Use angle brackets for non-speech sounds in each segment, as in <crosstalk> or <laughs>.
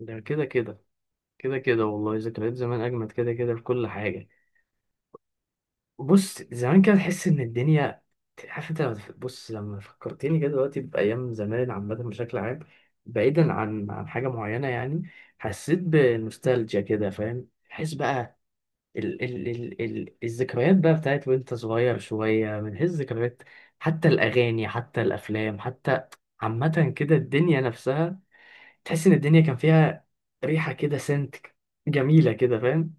ده كده كده والله، ذكريات زمان اجمد، كده كده في كل حاجه. بص زمان كده تحس ان الدنيا، عارف انت لما بص، لما فكرتني كده دلوقتي بايام زمان عامه، بشكل عام، بعيدا عن حاجه معينه يعني. حسيت بنوستالجيا كده، فاهم؟ تحس بقى. ال الذكريات بقى بتاعت وانت صغير شويه، من هي الذكريات؟ حتى الاغاني، حتى الافلام، حتى عامه كده الدنيا نفسها. تحس ان الدنيا كان فيها ريحه كده، سنت جميله كده، فاهم؟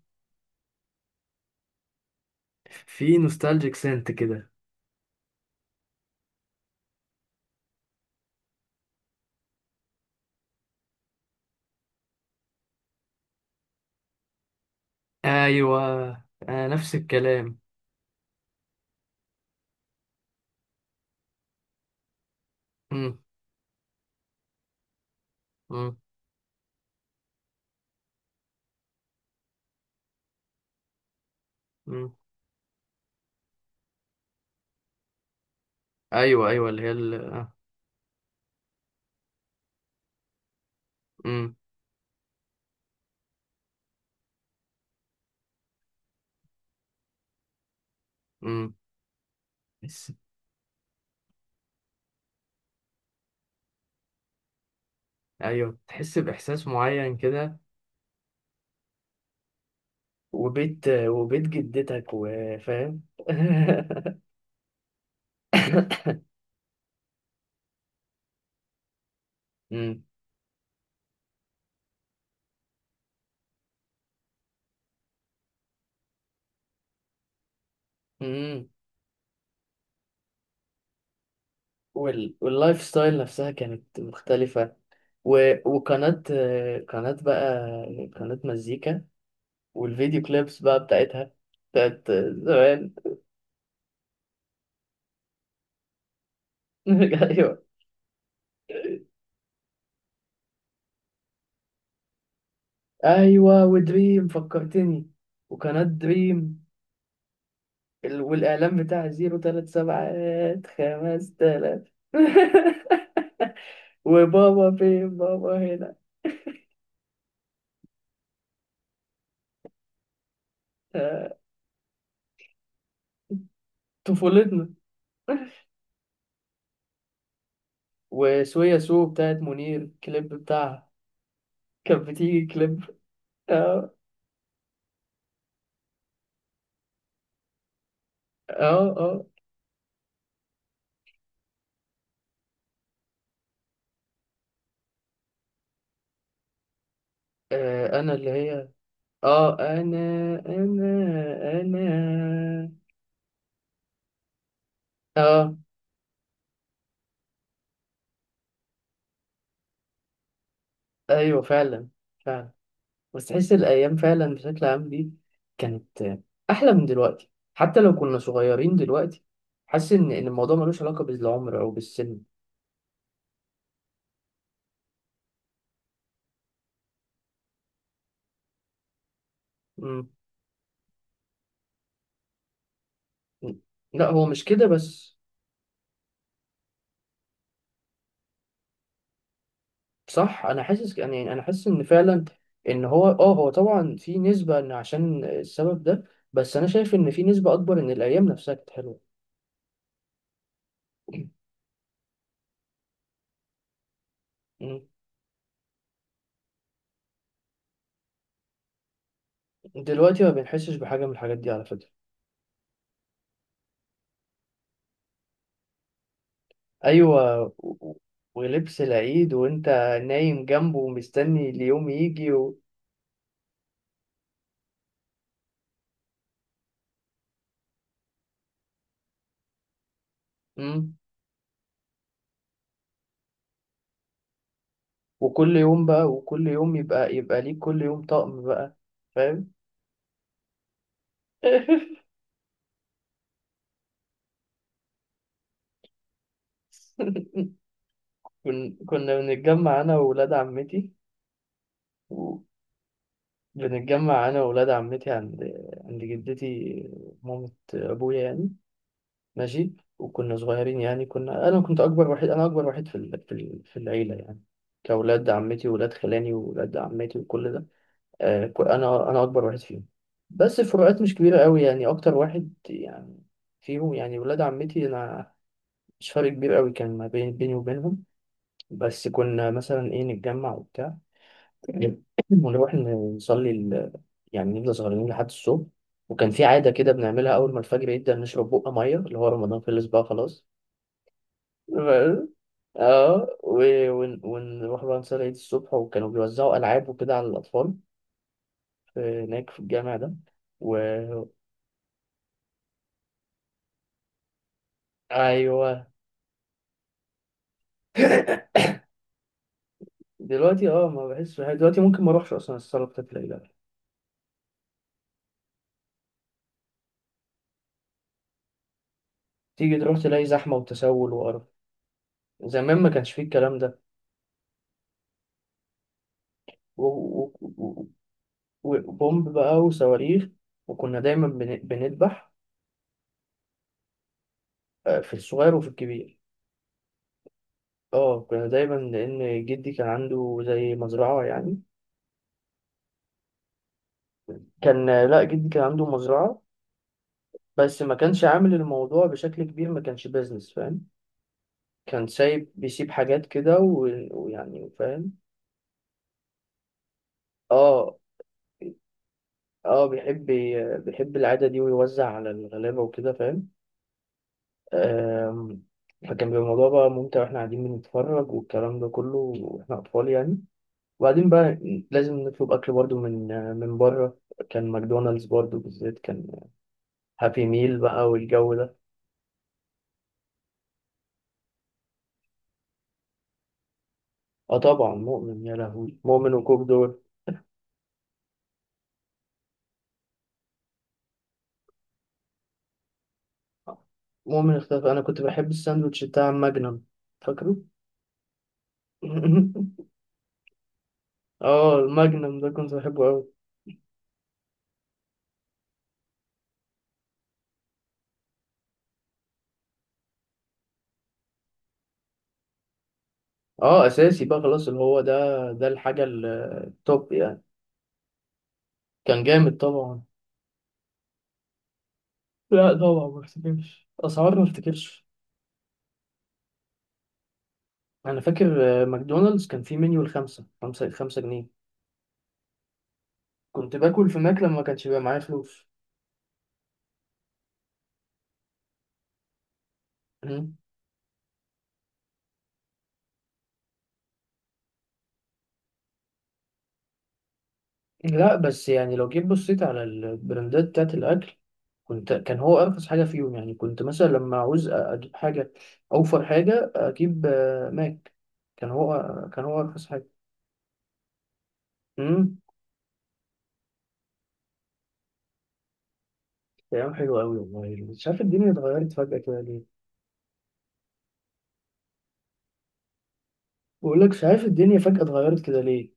في نوستالجيك سنت كده. ايوه، آه نفس الكلام. مم. مم. مم. ايوه ايوه، اللي هي آه. مم. مم. بس. ايوه، تحس باحساس معين كده. وبيت، وبيت جدتك، وفاهم. <laughs> مم. مم. واللايف ستايل نفسها كانت مختلفه. و... وقناه آه، قناه بقى، قناه مزيكا والفيديو كليبس بقى بتاعتها، بتاعت زمان. <laughs> ايوه ايوه، ودريم فكرتني، وقناة دريم. والاعلان بتاع 0-777-5-3 <laughs> وبابا فين، بابا هنا. <laughs> آه، طفولتنا. وسويا سو بتاعت منير، الكليب بتاعها كانت بتيجي كليب. <laughs> اه اه اه، آه، انا اللي هي، اه انا اه ايوه. فعلا، فعلا، بس تحس الايام فعلا بشكل عام دي كانت احلى من دلوقتي، حتى لو كنا صغيرين دلوقتي. حاسس ان إن الموضوع ملوش علاقه بالعمر او بالسن. مم. لا، هو مش كده بس. صح، انا حاسس يعني، انا حاسس ان فعلا، ان هو اه، هو طبعا في نسبه ان عشان السبب ده، بس انا شايف ان في نسبه اكبر ان الايام نفسها كانت حلوه. مم. دلوقتي ما بنحسش بحاجه من الحاجات دي على فكره. ايوه ولبس العيد، وانت نايم جنبه ومستني اليوم يجي و... مم. وكل يوم بقى، وكل يوم يبقى ليك كل يوم طقم بقى، فاهم؟ <laughs> كنا بنتجمع انا وولاد عمتي. بنتجمع انا وولاد عمتي عند، عند جدتي، مامة ابويا يعني. ماشي. وكنا صغيرين يعني، كنا، انا كنت اكبر وحيد، انا اكبر وحيد في في العيلة يعني، كأولاد عمتي وولاد خلاني وولاد عمتي وكل ده. آه، انا اكبر واحد فيهم، بس الفروقات مش كبيره قوي يعني، اكتر واحد يعني فيهم يعني ولاد عمتي، انا مش فرق كبير قوي كان ما بين بيني وبينهم. بس كنا مثلا ايه، نتجمع وبتاع. <clears throat> ونروح نصلي يعني نفضل سهرانين لحد الصبح. وكان في عاده كده بنعملها، اول ما الفجر يبدا نشرب بقى ميه، اللي هو رمضان خلص بقى، خلاص. <laughs> اه، ونروح بقى نصلي عيد الصبح، وكانوا بيوزعوا العاب وكده على الاطفال هناك في الجامع ده. ايوه. دلوقتي اه، ما بحس بحاجة. دلوقتي ممكن ما اروحش اصلا الصاله بتاعت العيله. تيجي تروح تلاقي زحمه وتسول وقرف. زمان ما كانش فيه الكلام ده. و- و- و- وبومب بقى وصواريخ. وكنا دايما بنذبح. آه، في الصغير وفي الكبير. اه كنا دايما، لان جدي كان عنده زي مزرعه يعني. كان آه، لا جدي كان عنده مزرعه، بس ما كانش عامل الموضوع بشكل كبير، ما كانش بيزنس فاهم. كان سايب، بيسيب حاجات كده و ويعني، فاهم. اه اه، بيحب، بيحب العادة دي ويوزع على الغلابة وكده، فاهم. آم، فكان بيبقى الموضوع بقى ممتع، واحنا قاعدين بنتفرج والكلام ده كله واحنا أطفال يعني. وبعدين بقى لازم نطلب أكل برضو من، من بره. كان ماكدونالدز برضو بالذات كان هابي ميل بقى، والجو ده. اه طبعا مؤمن، يا لهوي مؤمن وكوك دول. مؤمن اختفى. أنا كنت بحب الساندوتش بتاع ماجنم، فاكره؟ <laughs> اه الماجنم ده كنت بحبه. اه اساسي بقى، خلاص اللي هو ده، ده الحاجه التوب يعني. كان جامد طبعا. لا طبعا ما افتكرش اسعار، ما افتكرش. انا فاكر آه، ماكدونالدز كان فيه منيو الـ5-5-5 جنيه. كنت باكل في ماك لما ما كانش بيبقى معايا فلوس. مم. لا بس يعني لو جيت بصيت على البراندات بتاعت الاكل، كنت، كان هو ارخص حاجه فيهم يعني. كنت مثلا لما عاوز اجيب حاجه، اوفر حاجه اجيب آه، ماك. كان هو، كان هو ارخص حاجه. مم. ايام حلوه قوي والله، مش عارف الدنيا اتغيرت فجاه كده ليه. بقول لك مش عارف الدنيا فجاه اتغيرت كده ليه.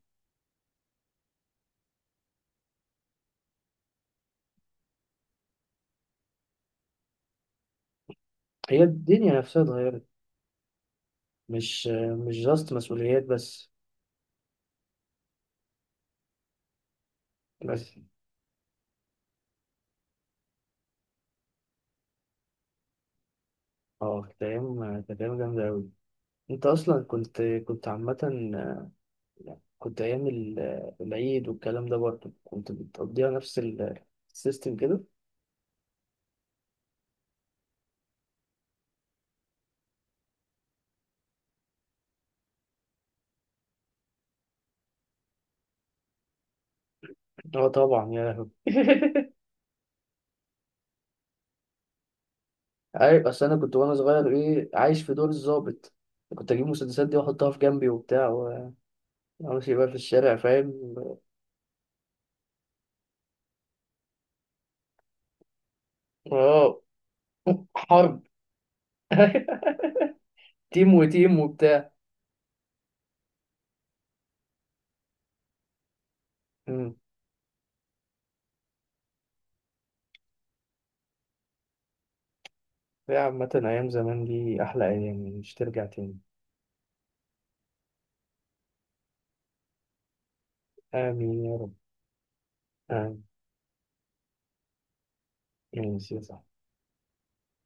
هي الدنيا نفسها اتغيرت، مش، مش جاست مسؤوليات بس. بس. اه كانت ايام، كانت ايام جامده قوي. انت اصلا كنت، كنت عامه يعني. كنت ايام العيد والكلام ده برضه كنت بتقضيها نفس السيستم كده. اه طبعا، يا لهوي. <laughs> عارف اصل انا كنت وانا صغير ايه، عايش في دور الضابط. كنت اجيب المسدسات دي واحطها في جنبي وبتاع و وامشي بقى في الشارع، فاهم. اه. حرب. <laughs> تيم وتيم وبتاع. امم. يا عامة أيام زمان دي أحلى أيام، مش ترجع تاني. آمين يا رب. آمين. يا سيدي.